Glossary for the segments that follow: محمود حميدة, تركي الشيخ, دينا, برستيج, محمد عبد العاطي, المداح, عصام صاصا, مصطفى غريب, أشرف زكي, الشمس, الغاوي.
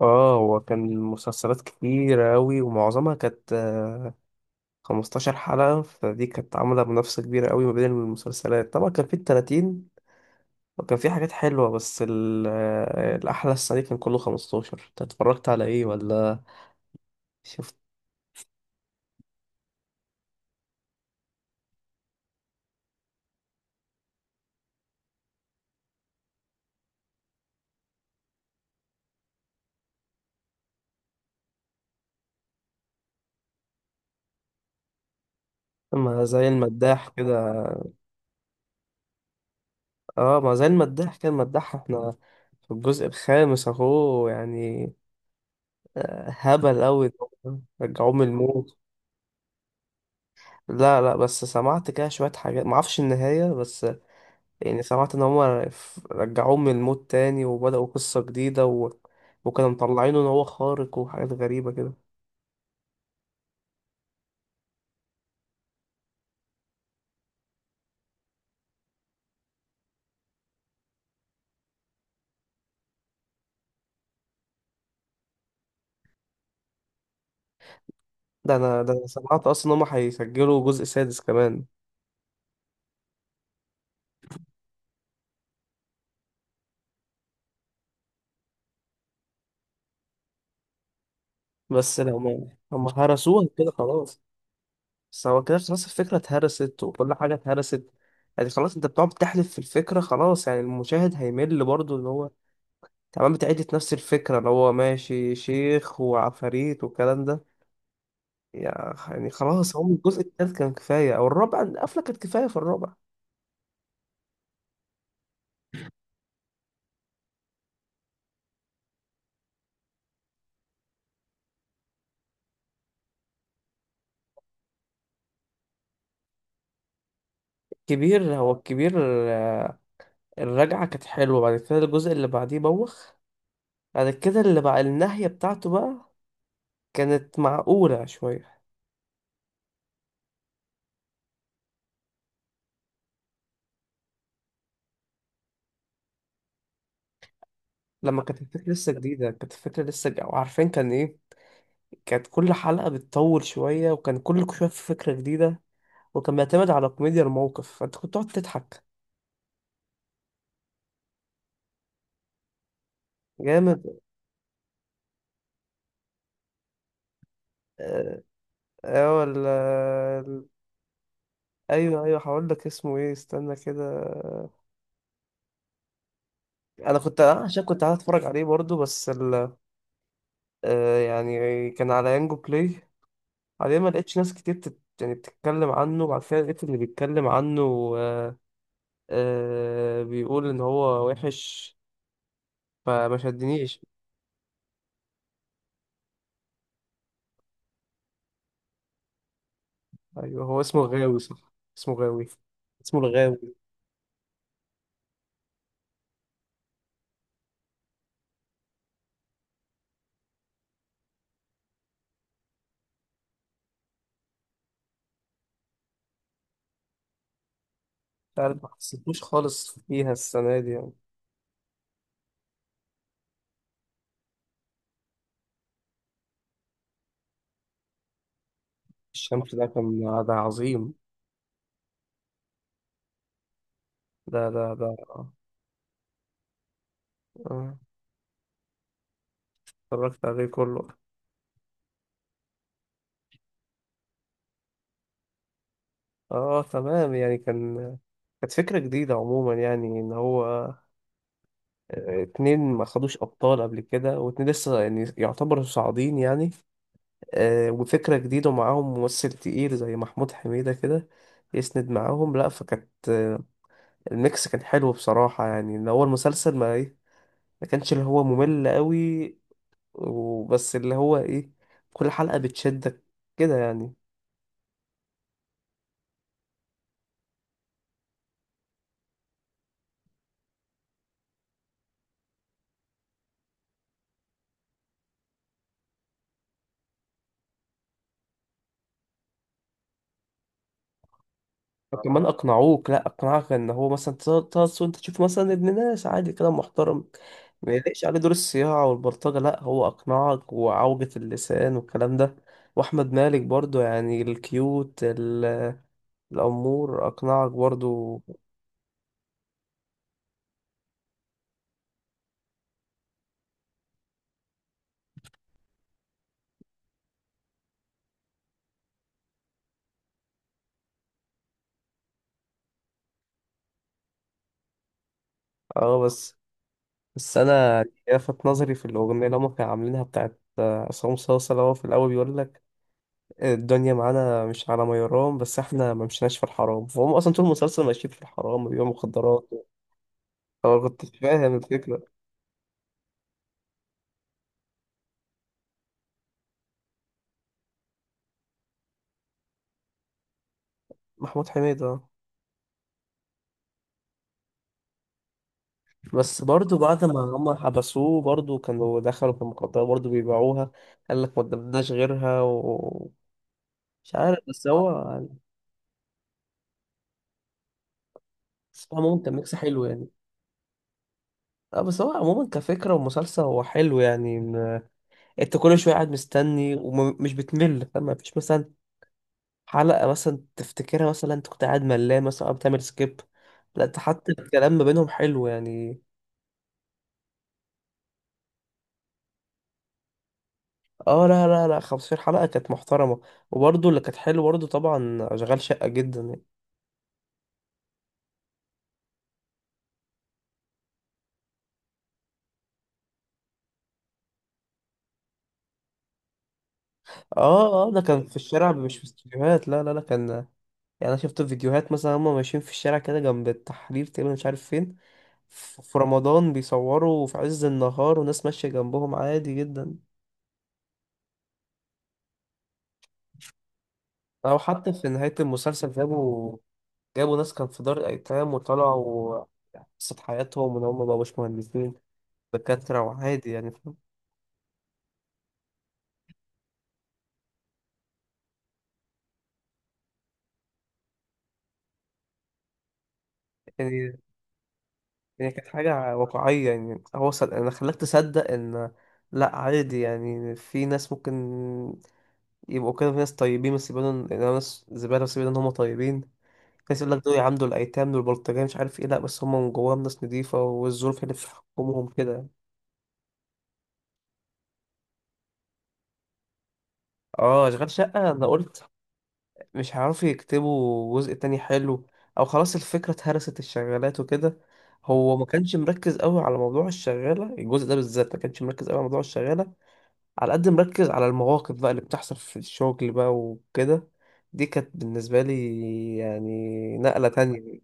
اه، هو كان مسلسلات كتيرة أوي ومعظمها كانت 15 حلقة. فدي كانت عاملة منافسة كبيرة أوي ما بين المسلسلات. طبعا كان في التلاتين وكان في حاجات حلوة، بس الأحلى السنة دي كان كله 15. أنت اتفرجت على إيه ولا شفت؟ ما زي المداح كده. اه، ما زي المداح، كان مداح احنا في الجزء الخامس اهو، يعني هبل قوي. رجعوه من الموت. لا، لا، بس سمعت كده شوية حاجات، معرفش النهاية بس. يعني سمعت ان هما رجعوه من الموت تاني وبدأوا قصة جديدة وكانوا مطلعينه ان هو خارق وحاجات غريبة كده. ده انا سمعت اصلا ان هما هيسجلوا جزء سادس كمان. بس لو ما هم هرسوها كده خلاص. بس هو كده خلاص، الفكرة اتهرست وكل حاجة اتهرست. يعني خلاص، انت بتقعد تحلف في الفكرة. خلاص، يعني المشاهد هيمل برضه ان هو تمام بتعيد نفس الفكرة اللي هو ماشي شيخ وعفاريت والكلام ده. يعني خلاص، هو الجزء التالت كان كفاية، أو الرابع القفلة كانت كفاية في الرابع. كبير، هو الكبير. آه، الرجعة كانت حلوة. بعد كده الجزء اللي بعديه بوخ. بعد كده اللي بقى النهاية بتاعته بقى كانت معقولة شوية. لما كانت الفكرة لسه جديدة، كانت الفكرة لسه ج- وعارفين كان إيه. كانت كل حلقة بتطول شوية، وكان كل شوية في فكرة جديدة، وكان بيعتمد على كوميديا الموقف، فأنت كنت تقعد تضحك. جامد. اه. آه، ولا- ايوه، ايوه، هقول لك اسمه ايه، استنى كده. انا كنت عشان كنت قاعد اتفرج عليه برضو، بس يعني كان على يانجو بلاي. عليه ما لقيتش ناس كتير يعني بتتكلم عنه، وبعد كده لقيت اللي بيتكلم عنه. آه بيقول ان هو وحش، فما شدنيش. ايوه، هو اسمه غاوي صح. اسمه غاوي، اسمه الغاوي. مش عارف، ما حسيتوش خالص فيها السنة دي يعني. الشمس ده كان، ده عظيم. ده آه، اتفرجت عليه كله. اه، تمام يعني. كانت فكرة جديدة عموما، يعني ان هو اتنين ما خدوش أبطال قبل كده، واتنين لسه يعني يعتبروا صاعدين يعني. وفكرة جديدة ومعاهم ممثل تقيل زي محمود حميدة كده يسند معاهم. لا، فكانت الميكس كان حلو بصراحة. يعني إن هو المسلسل ما كانش اللي هو ممل قوي. وبس اللي هو إيه، كل حلقة بتشدك كده يعني. كمان اقنعوك، لا، اقنعك ان هو مثلا تقص، وانت تشوف مثلا ابن ناس عادي كده محترم ما يليقش عليه دور الصياعه والبلطجه. لا، هو اقنعك، وعوجة اللسان والكلام ده. واحمد مالك برضو يعني، الكيوت الامور اقنعك برضو. اه، بس انا لفت نظري في الاغنيه اللي هم كانوا عاملينها بتاعت عصام صاصا، اللي هو في الاول بيقول لك الدنيا معانا مش على ما يرام، بس احنا ما مشيناش في الحرام. فهم اصلا طول المسلسل ماشيين في الحرام، بيبيعوا مخدرات. هو كنت فاهم الفكرة. محمود حميد، اه. بس برضو بعد ما هم حبسوه برضو، كانوا دخلوا في المخدرات برضو بيبيعوها. قال لك ما قدمناش غيرها، ومش عارف، بس هو. بس هو عموما كان ميكس حلو يعني. اه، بس هو عموما كفكرة ومسلسل، هو حلو يعني. انت كل شوية قاعد مستني ومش بتمل، فاهم؟ مفيش مثلا حلقة مثلا تفتكرها مثلا انت كنت قاعد ملان مثلا، أو بتعمل سكيب. لا، انت حتى الكلام ما بينهم حلو يعني. اه، لا، لا، لا، 15 حلقة كانت محترمة. وبرضه اللي كانت حلوة برضه طبعا أشغال شقة جدا يعني. اه، اه، ده كان في الشارع مش في استوديوهات. لا، لا، لا، كان. يعني أنا شفت فيديوهات مثلا هما ماشيين في الشارع كده جنب التحرير تقريبا، مش عارف فين. في رمضان بيصوروا في عز النهار وناس ماشية جنبهم عادي جدا. أو حتى في نهاية المسلسل جابوا ناس كان في دار الأيتام، وطلعوا يعني قصة حياتهم، وإن هما مبقوش مهندسين دكاترة وعادي يعني، فاهم؟ يعني يعني كانت حاجة واقعية. يعني هو أنا خلاك تصدق إن، لأ، عادي يعني. في ناس ممكن يبقوا كده. في ناس طيبين بس يبانوا إن ناس زبالة، بس يبانوا إن هما طيبين. في ناس يقول لك دول يعاملوا الأيتام، دول بلطجية، مش عارف إيه. لأ، بس هما من جواهم ناس نضيفة، والظروف هي اللي بتحكمهم كده. اه، أشغال شقة. أنا قلت مش هيعرفوا يكتبوا جزء تاني حلو، أو خلاص الفكرة اتهرست، الشغالات وكده. هو ما كانش مركز قوي على موضوع الشغالة الجزء ده، بالذات ما كانش مركز قوي على موضوع الشغالة، على قد مركز على المواقف بقى اللي بتحصل في الشغل بقى وكده. دي كانت بالنسبة لي يعني نقلة تانية.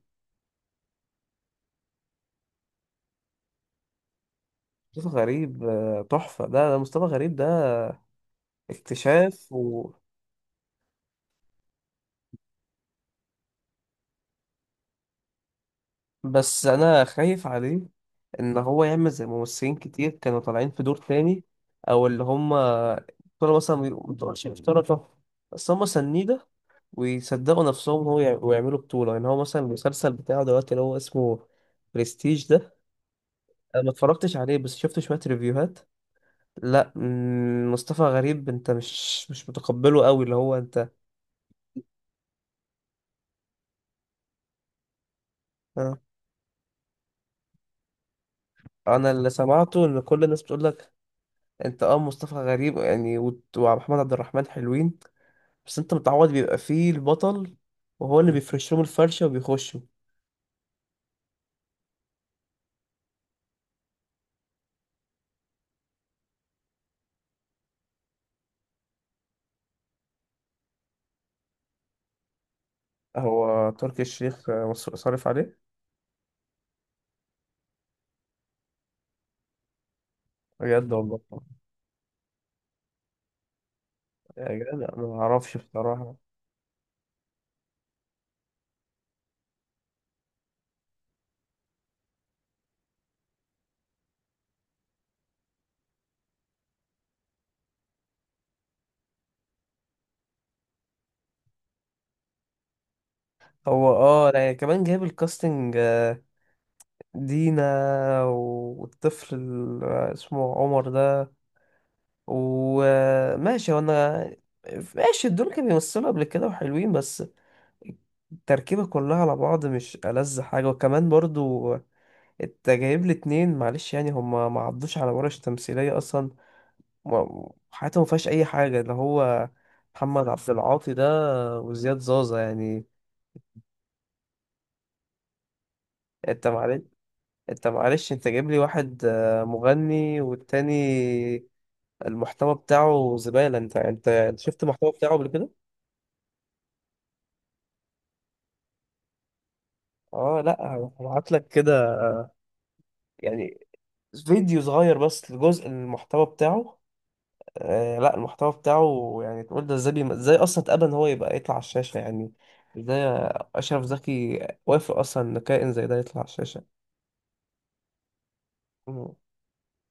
مصطفى غريب تحفة. ده ده مصطفى غريب ده اكتشاف بس أنا خايف عليه إن هو يعمل زي ممثلين كتير كانوا طالعين في دور تاني، أو اللي هما كانوا مثلا مبتبقاش مشتركة بس هما سنيدة، ويصدقوا نفسهم هو ويعملوا بطولة. يعني هو مثلا المسلسل بتاعه دلوقتي اللي هو اسمه برستيج ده، انا ما اتفرجتش عليه بس شفت شوية ريفيوهات. لا، مصطفى غريب، انت مش متقبله قوي اللي هو انت. آه. انا اللي سمعته ان كل الناس بتقول لك، انت اه، مصطفى غريب يعني ومحمد عبد الرحمن حلوين، بس انت متعود بيبقى فيه البطل، وهو اللي بيفرش لهم الفرشة وبيخشوا. هو تركي الشيخ صارف عليه. بجد، والله. يا جدع أنا ما اعرفش بصراحة. هو اه، لا يعني، كمان جايب الكاستنج دينا، والطفل اسمه عمر ده، وماشي. وانا ماشي، دول كانوا بيمثلوا قبل كده وحلوين، بس التركيبة كلها على بعض مش ألذ حاجة. وكمان برضو انت جايب لي اتنين، معلش يعني هما ما عدوش على ورش تمثيلية أصلا، حياتهم ما فيهاش أي حاجة. اللي هو محمد عبد العاطي ده وزياد زازا يعني. انت معلش انت معلش انت جايب لي واحد مغني، والتاني المحتوى بتاعه زبالة. انت شفت المحتوى بتاعه قبل كده؟ اه، لا. هبعت لك كده يعني فيديو صغير بس لجزء المحتوى بتاعه. آه، لا، المحتوى بتاعه يعني تقول ده ازاي ازاي اصلا اتقبل ان هو يبقى يطلع على الشاشة؟ يعني ازاي اشرف زكي وافق اصلا ان كائن زي ده يطلع على الشاشة؟